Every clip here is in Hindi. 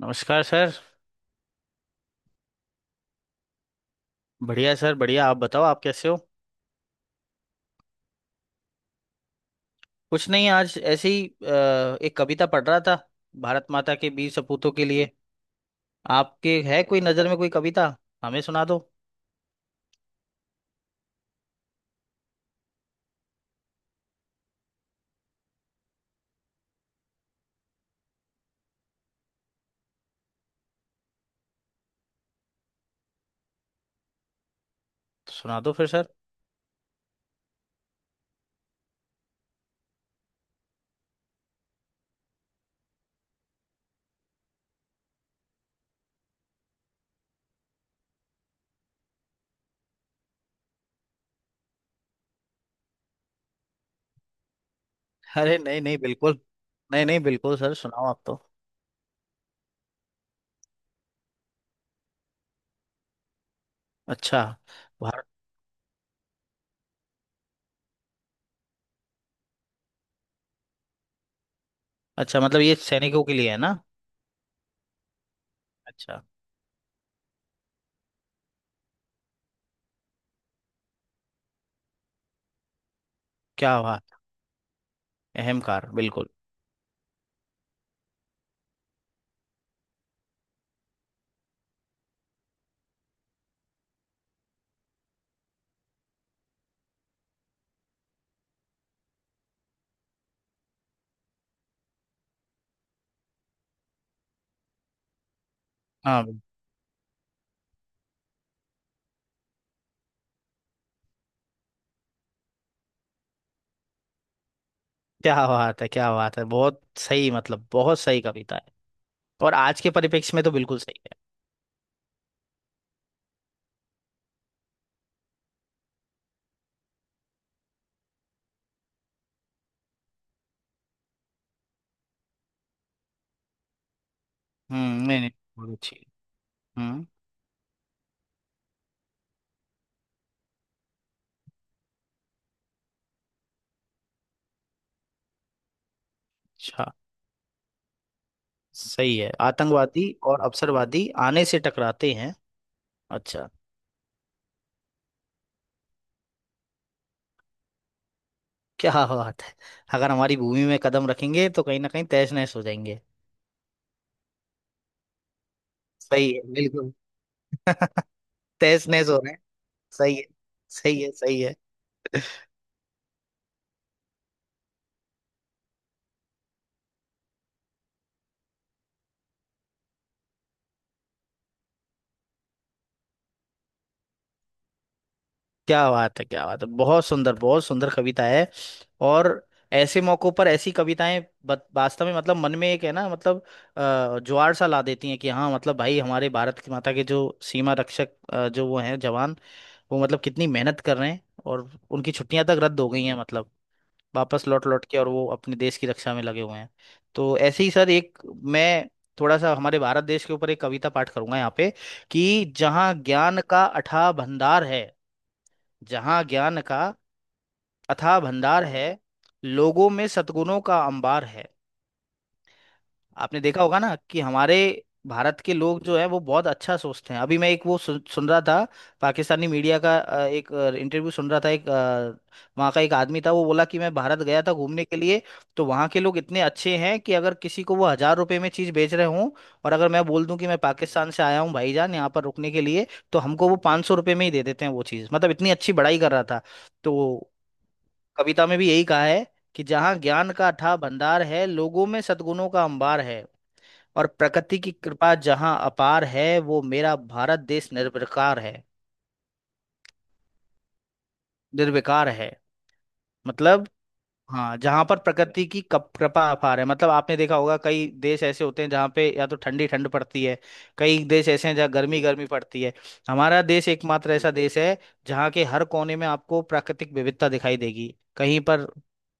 नमस्कार सर। बढ़िया सर बढ़िया, आप बताओ आप कैसे हो? कुछ नहीं, आज ऐसे ही एक कविता पढ़ रहा था, भारत माता के वीर सपूतों के लिए। आपके है कोई नज़र में कोई कविता? हमें सुना दो। तो सुना दो फिर सर। अरे नहीं नहीं बिल्कुल, नहीं नहीं बिल्कुल सर, सुनाओ आप तो। अच्छा। भारत। अच्छा, मतलब ये सैनिकों के लिए है ना। अच्छा। क्या बात। अहम कार बिल्कुल। हाँ बिल्कुल। क्या बात है, क्या बात है, बहुत सही, मतलब बहुत सही कविता है। और आज के परिप्रेक्ष्य में तो बिल्कुल सही है। हम्म, नहीं नहीं बहुत अच्छी है। हम्म। अच्छा। सही है, आतंकवादी और अवसरवादी आने से टकराते हैं। अच्छा। क्या बात है। अगर हमारी भूमि में कदम रखेंगे तो कहीं ना कहीं तहस नहस हो जाएंगे। सही है बिल्कुल, तहस नहस हो रहे हैं। सही है। सही है सही है। क्या बात है, क्या बात है, बहुत सुंदर कविता है। और ऐसे मौकों पर ऐसी कविताएं वास्तव में मतलब मन में एक है ना, मतलब ज्वार सा ला देती हैं कि हाँ, मतलब भाई हमारे भारत की माता के जो सीमा रक्षक जो वो हैं जवान, वो मतलब कितनी मेहनत कर रहे हैं और उनकी छुट्टियां तक रद्द हो गई हैं। मतलब वापस लौट लौट के और वो अपने देश की रक्षा में लगे हुए हैं। तो ऐसे ही सर एक, मैं थोड़ा सा हमारे भारत देश के ऊपर एक कविता पाठ करूंगा यहाँ पे। कि जहाँ ज्ञान का अथाह भंडार है, जहाँ ज्ञान का अथाह भंडार है, लोगों में सद्गुणों का अंबार है। आपने देखा होगा ना कि हमारे भारत के लोग जो है वो बहुत अच्छा सोचते हैं। अभी मैं एक वो सुन रहा था, पाकिस्तानी मीडिया का एक इंटरव्यू सुन रहा था। एक वहाँ का एक आदमी था, वो बोला कि मैं भारत गया था घूमने के लिए। तो वहाँ के लोग इतने अच्छे हैं कि अगर किसी को वो हजार रुपए में चीज़ बेच रहे हों और अगर मैं बोल दूं कि मैं पाकिस्तान से आया हूँ भाईजान, यहाँ पर रुकने के लिए, तो हमको वो पाँच सौ रुपये में ही दे देते हैं वो चीज़। मतलब इतनी अच्छी बड़ाई कर रहा था। तो कविता में भी यही कहा है कि जहाँ ज्ञान का अथाह भंडार है, लोगों में सद्गुणों का अंबार है और प्रकृति की कृपा जहाँ अपार है, वो मेरा भारत देश निर्विकार है। निर्विकार है मतलब, हाँ जहाँ पर प्रकृति की कप कृपा अपार है। मतलब आपने देखा होगा, कई देश ऐसे होते हैं जहाँ पे या तो ठंडी ठंड पड़ती है, कई देश ऐसे हैं जहाँ गर्मी गर्मी पड़ती है। हमारा देश एकमात्र ऐसा देश है जहाँ के हर कोने में आपको प्राकृतिक विविधता दिखाई देगी। कहीं पर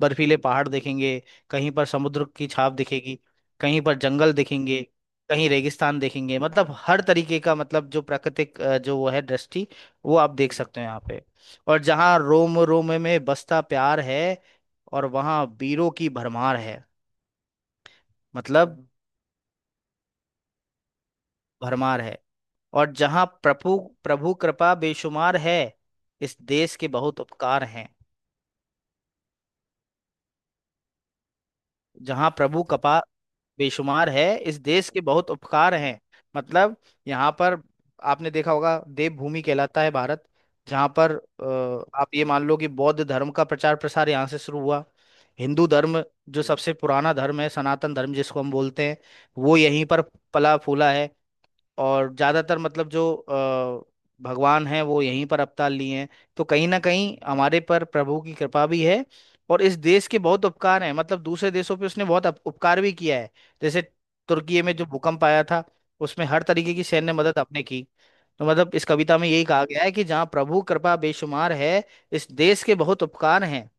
बर्फीले पहाड़ दिखेंगे, कहीं पर समुद्र की छाप दिखेगी, कहीं पर जंगल दिखेंगे, कहीं रेगिस्तान देखेंगे। मतलब हर तरीके का, मतलब जो प्राकृतिक जो वो है दृष्टि, वो आप देख सकते हो यहाँ पे। और जहाँ रोम रोम में बसता प्यार है और वहाँ वीरों की भरमार है। मतलब भरमार है। और जहाँ प्रभु प्रभु कृपा बेशुमार है, इस देश के बहुत उपकार हैं। जहाँ प्रभु कृपा बेशुमार है, इस देश के बहुत उपकार हैं। मतलब यहाँ पर आपने देखा होगा, देवभूमि कहलाता है भारत। जहाँ पर आप ये मान लो कि बौद्ध धर्म का प्रचार प्रसार यहाँ से शुरू हुआ। हिंदू धर्म जो सबसे पुराना धर्म है, सनातन धर्म जिसको हम बोलते हैं, वो यहीं पर पला फूला है। और ज़्यादातर मतलब जो भगवान हैं वो यहीं पर अवतार लिए हैं। तो कहीं ना कहीं हमारे पर प्रभु की कृपा भी है और इस देश के बहुत उपकार हैं। मतलब दूसरे देशों पे उसने बहुत उपकार भी किया है। जैसे तुर्की में जो भूकंप आया था, उसमें हर तरीके की सैन्य मदद आपने की। तो मतलब इस कविता में यही कहा गया है कि जहाँ प्रभु कृपा बेशुमार है, इस देश के बहुत उपकार हैं।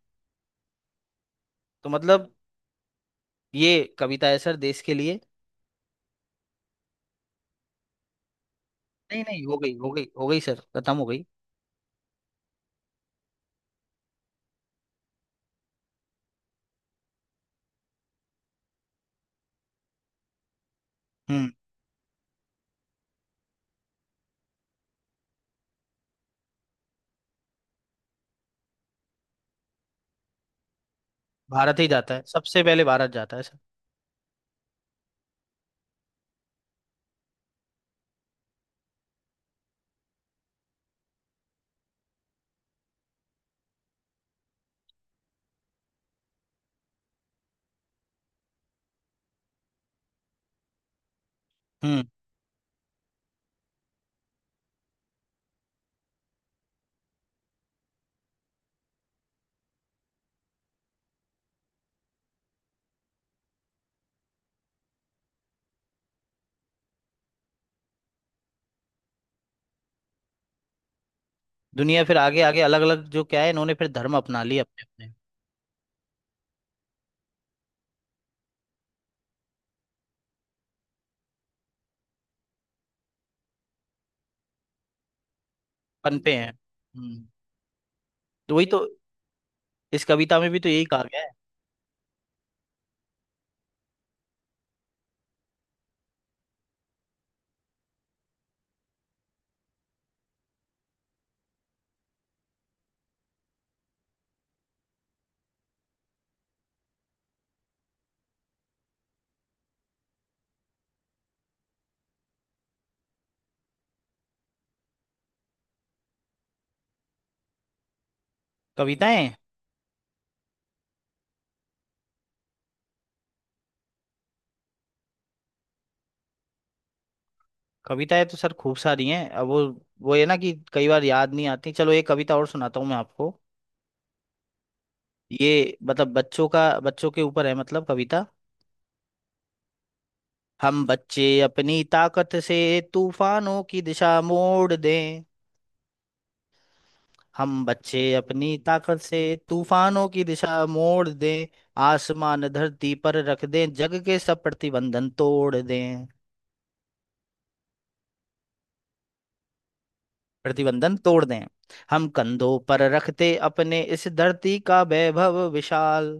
तो मतलब ये कविता है सर देश के लिए। नहीं नहीं हो गई, हो गई सर, खत्म हो गई। हम्म। भारत ही जाता है, सबसे पहले भारत जाता है सर। हम्म। दुनिया फिर आगे आगे अलग अलग जो क्या है, इन्होंने फिर धर्म अपना लिए अपने अपने पन पे हैं। हम्म, तो वही तो, इस कविता में भी तो यही कहा गया है। कविताएं, कविताएं तो सर खूब सारी हैं। अब वो है ना कि कई बार याद नहीं आती। चलो एक कविता और सुनाता हूँ मैं आपको। ये मतलब बच्चों का, बच्चों के ऊपर है मतलब कविता। हम बच्चे अपनी ताकत से तूफानों की दिशा मोड़ दें, हम बच्चे अपनी ताकत से तूफानों की दिशा मोड़ दें, आसमान धरती पर रख दें, जग के सब प्रतिबंधन तोड़ दें, प्रतिबंधन तोड़ दें। हम कंधों पर रखते अपने इस धरती का वैभव विशाल,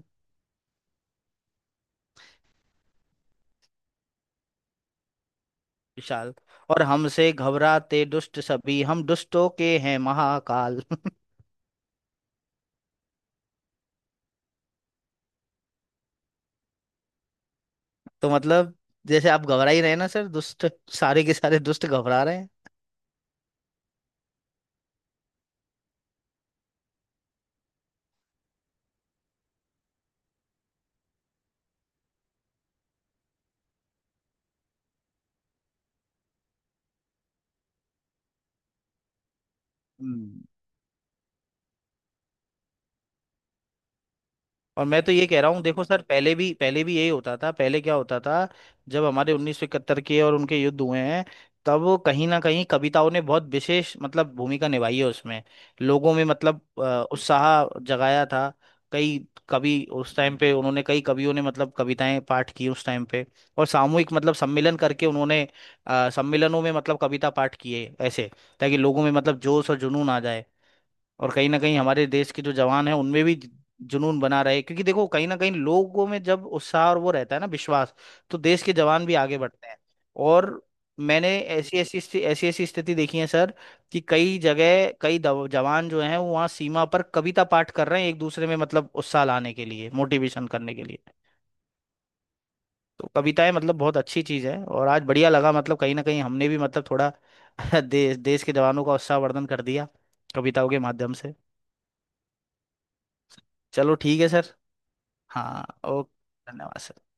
विशाल। और हमसे घबराते दुष्ट सभी, हम दुष्टों के हैं महाकाल। तो मतलब जैसे आप घबरा ही रहे हैं ना सर, दुष्ट, सारे के सारे दुष्ट घबरा रहे हैं। हम्म। और मैं तो ये कह रहा हूँ, देखो सर, पहले भी यही होता था। पहले क्या होता था, जब हमारे 1971 के और उनके युद्ध हुए हैं, तब वो कहीं ना कहीं कविताओं ने बहुत विशेष मतलब भूमिका निभाई है उसमें। लोगों में मतलब उत्साह जगाया था। कई कवि उस टाइम पे, उन्होंने कई कवियों ने मतलब कविताएं पाठ की उस टाइम पे और सामूहिक मतलब सम्मेलन करके उन्होंने सम्मेलनों में मतलब कविता पाठ किए ऐसे, ताकि लोगों में मतलब जोश और जुनून आ जाए। और कहीं ना कहीं हमारे देश के जो जवान हैं उनमें भी जुनून बना रहे, क्योंकि देखो कहीं ना कहीं लोगों में जब उत्साह और वो रहता है ना, विश्वास, तो देश के जवान भी आगे बढ़ते हैं। और मैंने ऐसी ऐसी स्थि- ऐसी ऐसी स्थिति देखी है सर, कि कई जगह कई जवान जो हैं वो वहाँ सीमा पर कविता पाठ कर रहे हैं, एक दूसरे में मतलब उत्साह लाने के लिए, मोटिवेशन करने के लिए। तो कविताएं मतलब बहुत अच्छी चीज़ है। और आज बढ़िया लगा, मतलब कहीं ना कहीं हमने भी मतलब थोड़ा देश देश के जवानों का उत्साहवर्धन कर दिया कविताओं के माध्यम से। चलो ठीक है सर। हाँ ओके, धन्यवाद सर।